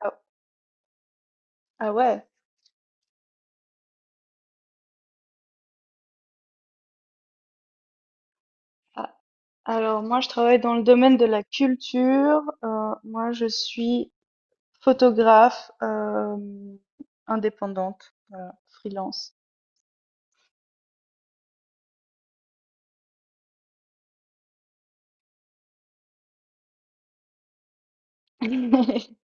Ah, ah ouais. Ah, alors moi, je travaille dans le domaine de la culture. Moi, je suis photographe indépendante, voilà, freelance.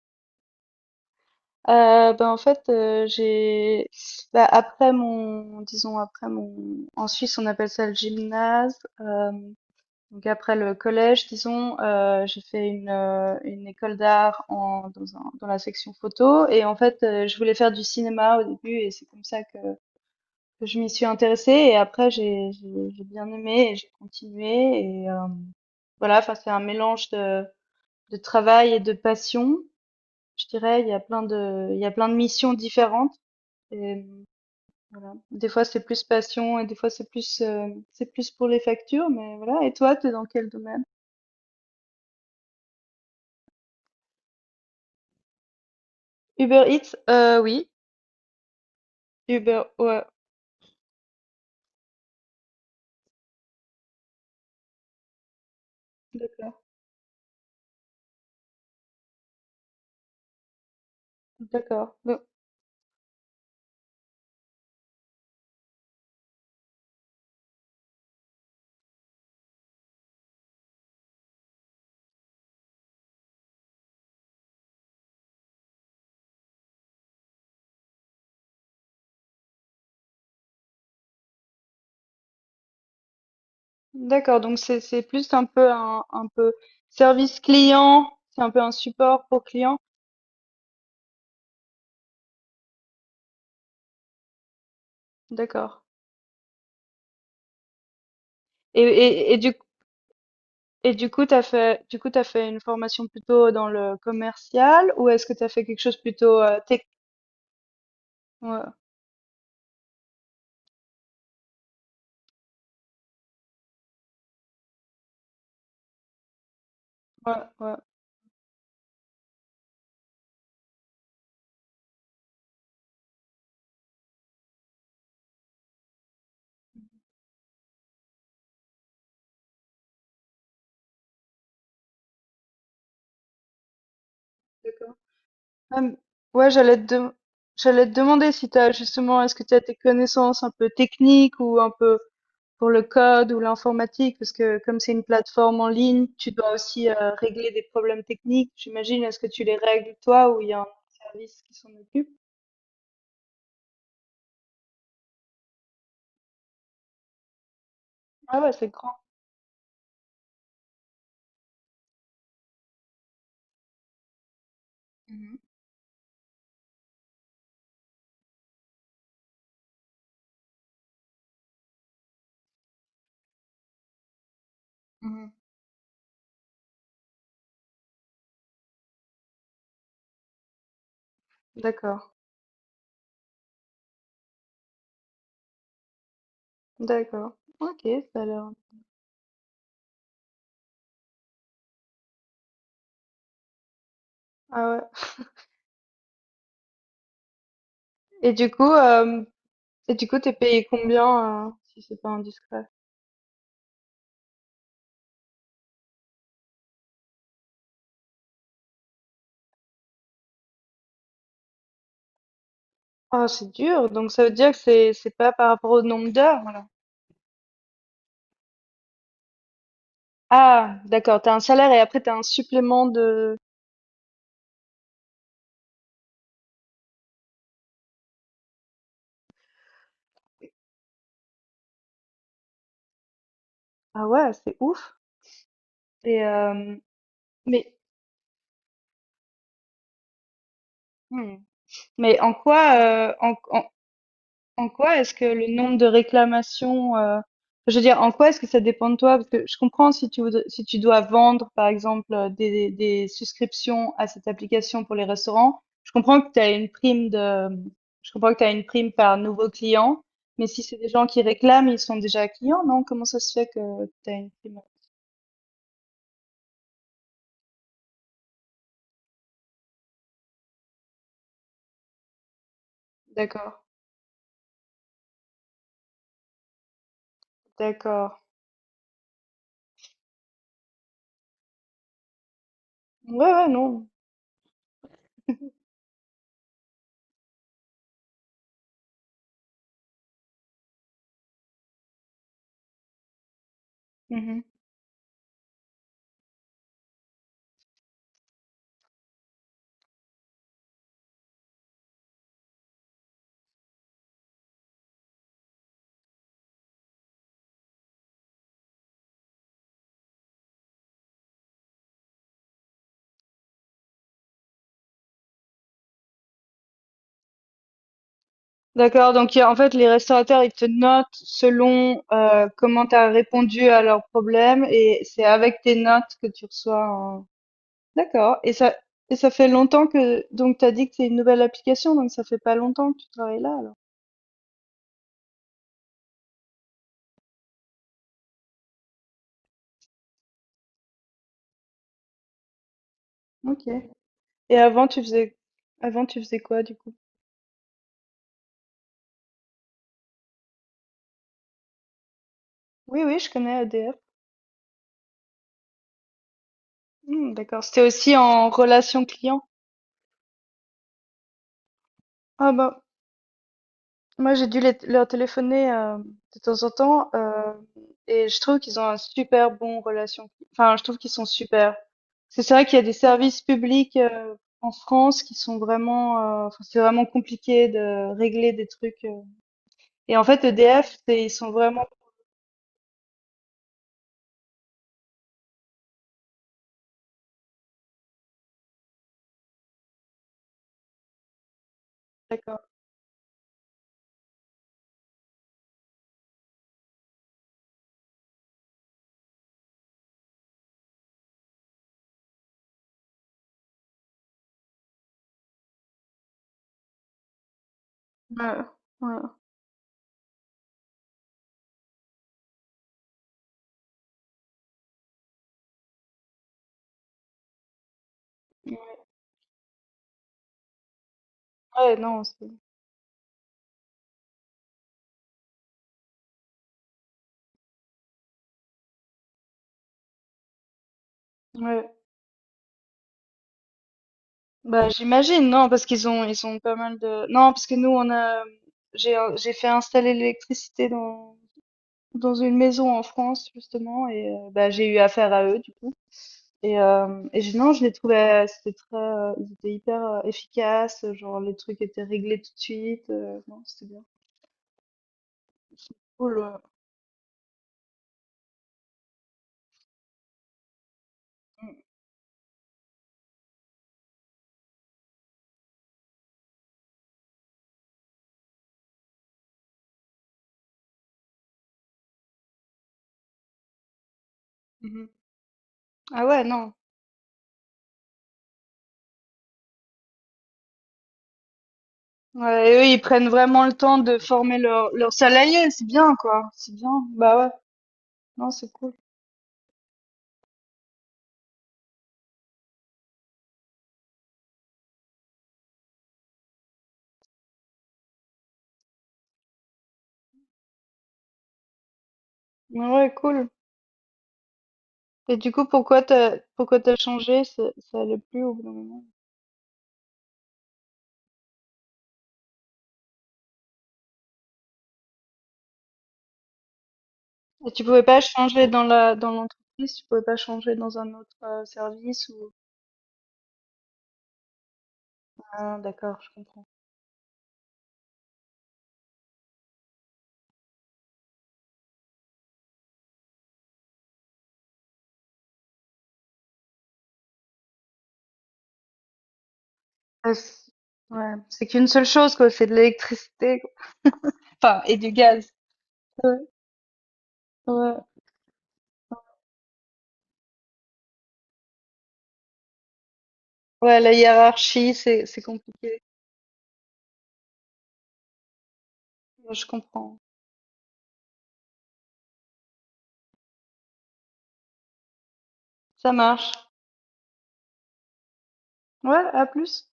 Euh, ben en fait, euh, j'ai après mon, disons après mon, en Suisse on appelle ça le gymnase. Donc après le collège, j'ai fait une école d'art dans la section photo et en fait je voulais faire du cinéma au début et c'est comme ça que je m'y suis intéressée et après j'ai bien aimé et j'ai continué voilà, enfin c'est un mélange de travail et de passion, je dirais. Il y a plein de missions différentes et voilà. Des fois c'est plus passion et des fois c'est plus pour les factures, mais voilà. Et toi, t'es dans quel domaine? Uber Eats, oui. Uber, ouais. D'accord. D'accord. Donc- D'accord. Donc c'est plus un peu un peu service client, c'est un peu un support pour client. D'accord. Et et et du et du coup, tu fait une formation plutôt dans le commercial ou est-ce que tu as fait quelque chose plutôt, tech? Ouais, ouais, ouais, d'accord. Ah m ouais, j'allais te demander si tu justement est-ce que tu as des connaissances un peu techniques ou un peu pour le code ou l'informatique? Parce que comme c'est une plateforme en ligne, tu dois aussi, régler des problèmes techniques, j'imagine. Est-ce que tu les règles toi ou il y a un service qui s'en occupe? Ah ouais, c'est grand. Mmh mh. Mmh. D'accord. D'accord. OK, ça a l'air ah ouais. Et du coup, t'es payé combien, si c'est pas indiscret? Ah, c'est dur. Donc ça veut dire que c'est pas par rapport au nombre d'heures, alors. Ah, d'accord. T'as un salaire et après t'as un supplément de. Ah ouais, c'est ouf. Et mais hmm. mais en quoi, en, En quoi est-ce que le nombre de réclamations, enfin, je veux dire, en quoi est-ce que ça dépend de toi? Parce que je comprends si si tu dois vendre, par exemple, des souscriptions à cette application pour les restaurants, je comprends que tu as une prime par nouveau client, mais si c'est des gens qui réclament, ils sont déjà clients, non? Comment ça se fait que tu as une prime? D'accord, d'accord. Ouais, ouais, non. D'accord, donc il y a- en fait les restaurateurs ils te notent selon comment tu as répondu à leurs problèmes et c'est avec tes notes que tu reçois un- D'accord, et ça fait longtemps que donc tu as dit que c'est une nouvelle application donc ça fait pas longtemps que tu travailles là alors. OK. Et avant tu faisais quoi du coup? Oui oui, je connais ADF. Hmm, d'accord, c'était aussi en relation client. Ah bah moi, leur téléphoner de temps en temps et je trouve qu'ils ont un super bon relation. Enfin, je trouve qu'ils sont super. Parce que c'est vrai qu'il y a des services publics en France qui sont vraiment, enfin, c'est vraiment compliqué de régler des trucs. Et en fait, EDF, c'est- ils sont vraiment d'accord. Ouais, ouais. Ouais, non, c'est- ouais. Bah, j'imagine, non, parce qu'ils ont, ils ont pas mal de, non, parce que nous, on a, j'ai fait installer l'électricité dans dans une maison en France justement et bah, j'ai eu affaire à eux du coup et je non, je les trouvais, c'était très, ils étaient hyper, efficaces, genre les trucs étaient réglés tout de suite, non, c'était bien. C'est cool, mmh, mmh. Ah ouais, non. Ouais et eux, ils prennent vraiment le temps de former leurs leurs salariés, c'est bien quoi, c'est bien. Bah ouais, non, c'est cool. Ouais, ouais, cool et du coup, pourquoi tu as changé? Ça allait plus au bout d'un moment? Et tu pouvais pas changer dans la dans l'entreprise, tu pouvais pas changer dans un autre service ou Ah, d'accord, je comprends. Ouais, c'est ouais, c'est qu'une seule chose quoi, c'est de l'électricité quoi. Enfin, et du gaz. Ouais, ouais. Ouais, la hiérarchie, c'est compliqué. Ouais, je comprends. Ça marche. Ouais, à plus.